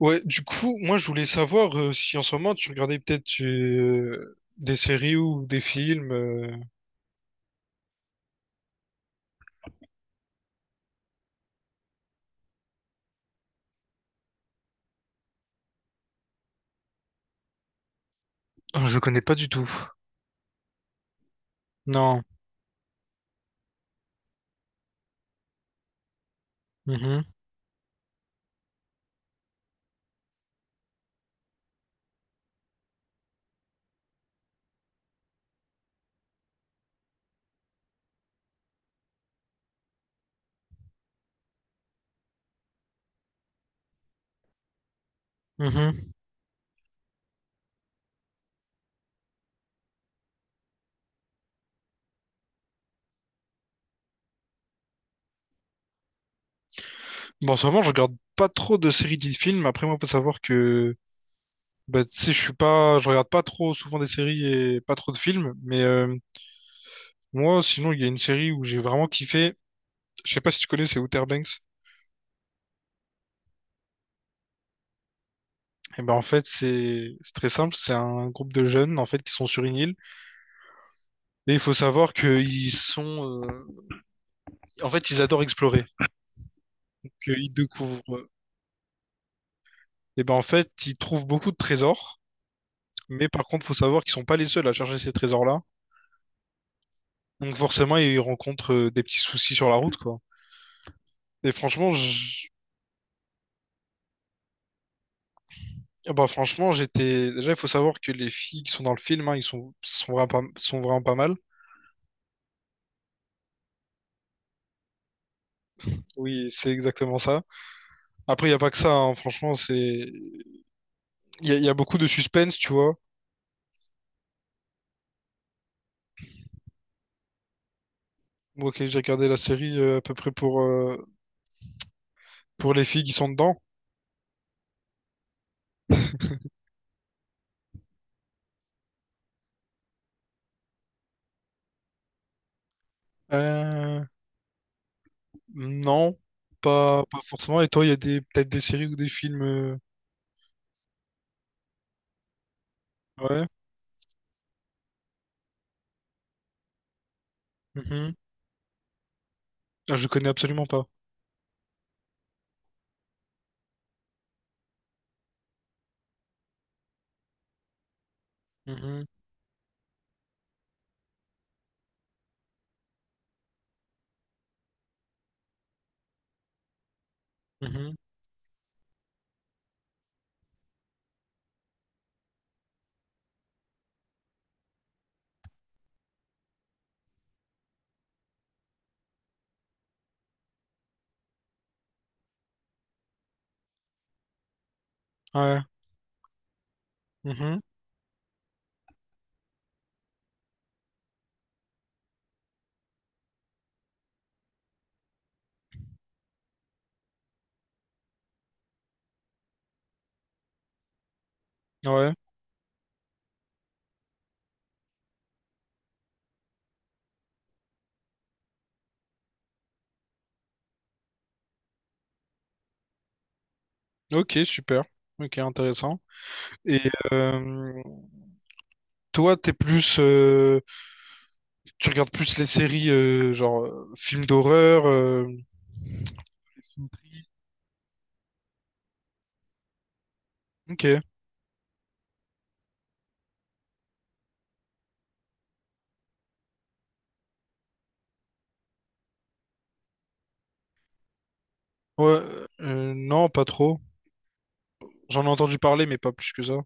Ouais, du coup, moi je voulais savoir si en ce moment tu regardais peut-être des séries ou des films. Ah, je connais pas du tout. Non. Mhm, mhm. Bon, en ce moment je regarde pas trop de séries ni de films. Après, moi, faut savoir que bah, tu sais, je suis pas, je regarde pas trop souvent des séries et pas trop de films. Mais moi, sinon, il y a une série où j'ai vraiment kiffé. Je sais pas si tu connais, c'est Outer Banks. Et ben en fait, c'est très simple. C'est un groupe de jeunes en fait qui sont sur une île. Et il faut savoir qu'ils sont en fait, ils adorent explorer, qu'ils découvrent. Et ben en fait, ils trouvent beaucoup de trésors, mais par contre, faut savoir qu'ils sont pas les seuls à chercher ces trésors-là. Donc forcément, ils rencontrent des petits soucis sur la route, quoi. Et franchement, ah bah franchement, j'étais. Déjà, il faut savoir que les filles qui sont dans le film, hein, ils sont vraiment pas... sont vraiment pas mal. Oui, c'est exactement ça. Après, il n'y a pas que ça, hein. Franchement, c'est. Il y a beaucoup de suspense, tu vois. Moi, ok, j'ai regardé la série à peu près pour les filles qui sont dedans. Euh, Non, pas forcément. Et toi, il y a des peut-être des séries ou des films. Ouais. Mhm. Ah, je connais absolument pas. Mhm, mhm, ouais. Mhm, ouais. Ok, super. Ok, intéressant. Et euh, toi, tu regardes plus les séries genre films d'horreur, les films tristes. Ok. Ouais. Non, pas trop. J'en ai entendu parler, mais pas plus que ça.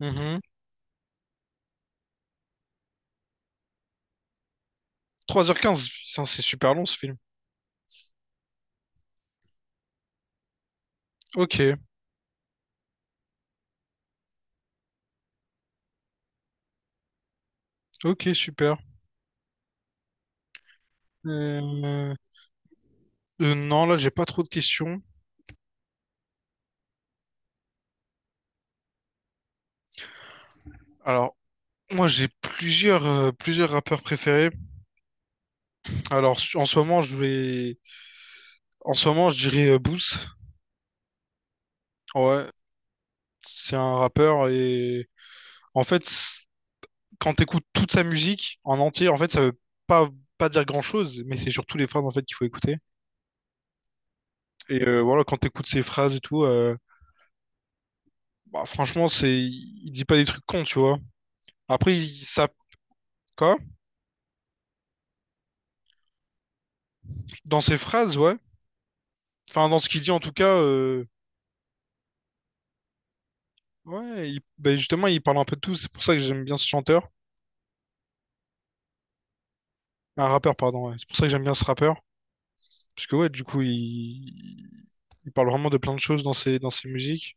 Mhm. 3h15, putain, c'est super long ce film. Ok. Ok, super. Euh, non, là, j'ai pas trop de questions. Alors, moi, j'ai plusieurs rappeurs préférés. Alors, en ce moment, je dirais Boost. Ouais, c'est un rappeur et en fait, quand t'écoutes toute sa musique en entier, en fait, ça veut pas, pas dire grand-chose, mais c'est surtout les phrases en fait qu'il faut écouter. Et voilà, quand t'écoutes ses phrases et tout, bah, franchement, c'est, il dit pas des trucs cons, tu vois. Après, il, ça, quoi? Dans ses phrases, ouais. Enfin, dans ce qu'il dit en tout cas. Ouais, ben justement, il parle un peu de tout. C'est pour ça que j'aime bien ce chanteur. Un rappeur, pardon. Ouais. C'est pour ça que j'aime bien ce rappeur. Parce que, ouais, du coup, il parle vraiment de plein de choses dans ses musiques.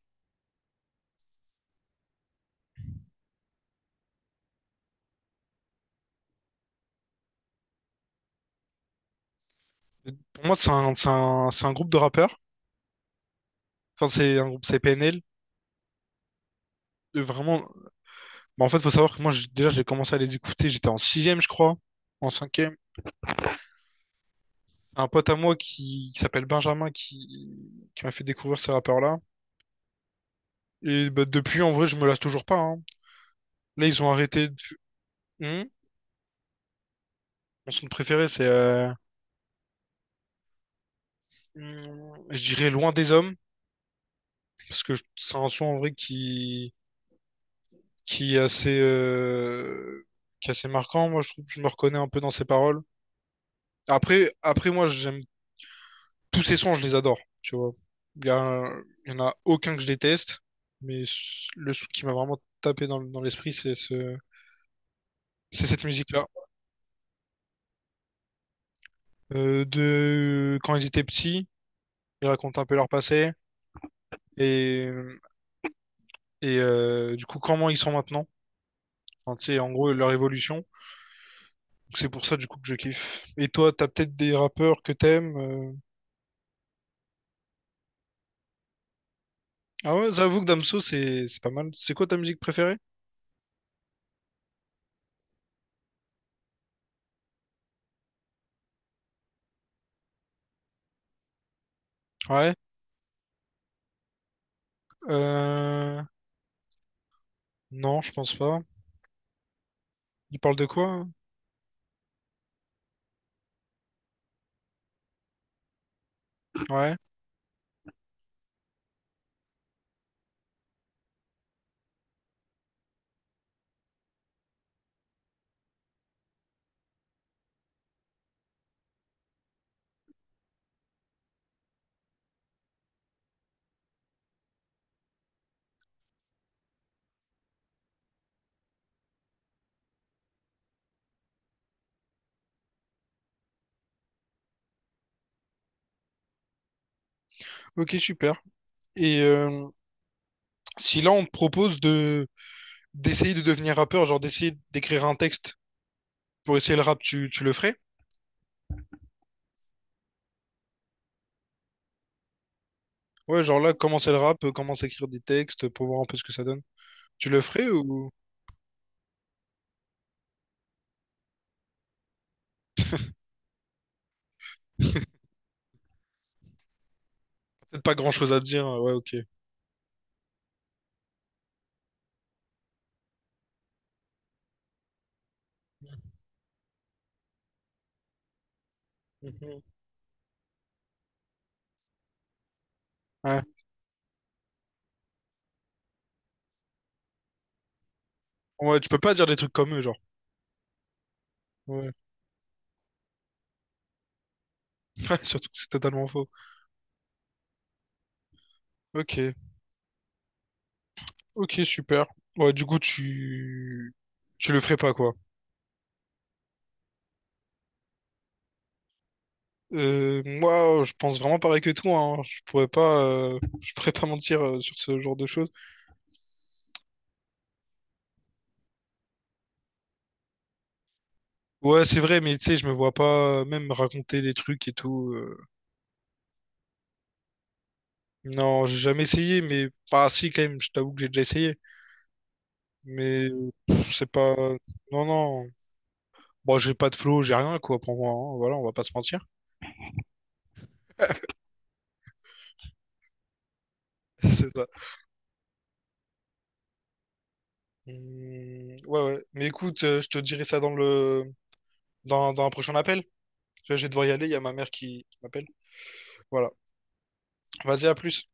Et pour moi, c'est un groupe de rappeurs. Enfin, c'est un groupe, c'est PNL. Vraiment. Bah, en fait, faut savoir que moi, déjà, j'ai commencé à les écouter. J'étais en sixième, je crois. En cinquième. Un pote à moi qui s'appelle Benjamin qui m'a fait découvrir ces rappeurs-là. Et bah, depuis, en vrai, je me lasse toujours pas, hein. Là, ils ont arrêté. Hmm. Mon son préféré, c'est. Je dirais loin des hommes, parce que c'est un son en vrai qui, qui est assez, euh, qui est assez marquant. Moi, je trouve que je me reconnais un peu dans ses paroles. Après moi, j'aime tous ses sons, je les adore, tu vois. Il y a, il y en a aucun que je déteste, mais le son qui m'a vraiment tapé dans l'esprit, c'est cette musique-là. De quand ils étaient petits, ils racontent un peu leur passé et, du coup comment ils sont maintenant. Enfin, tu sais, en gros, leur évolution. C'est pour ça du coup que je kiffe. Et toi, t'as peut-être des rappeurs que t'aimes? Ah ouais, j'avoue que Damso, c'est pas mal. C'est quoi ta musique préférée? Ouais. Euh... Non, je pense pas. Il parle de quoi, hein? Ouais. Ok, super. Et si là on te propose de d'essayer de devenir rappeur, genre d'essayer d'écrire un texte pour essayer le rap, tu le ferais? Ouais, genre là, commencer le rap, commencer à écrire des textes pour voir un peu ce que ça donne. Tu le ferais ou peut-être pas grand-chose à dire, hein? Ouais, ok. Mhm. Ouais. Ouais, tu peux pas dire des trucs comme eux, genre. Ouais. Ouais, surtout que c'est totalement faux. Ok, ok, super. Ouais, du coup, tu le ferais pas, quoi. Moi, je pense vraiment pareil que toi, hein. Je pourrais pas, je pourrais pas mentir sur ce genre de choses. Ouais, c'est vrai, mais tu sais, je me vois pas même raconter des trucs et tout. Non, j'ai jamais essayé, mais enfin, si quand même. Je t'avoue que j'ai déjà essayé, mais c'est pas. Non, non. Bon, j'ai pas de flow, j'ai rien, quoi, pour moi, hein. Voilà, on va pas se mentir. C'est ça. Ouais, ouais. Mais écoute, je te dirai ça dans un prochain appel. Je vais devoir y aller, il y a ma mère qui m'appelle. Voilà. Vas-y, à plus.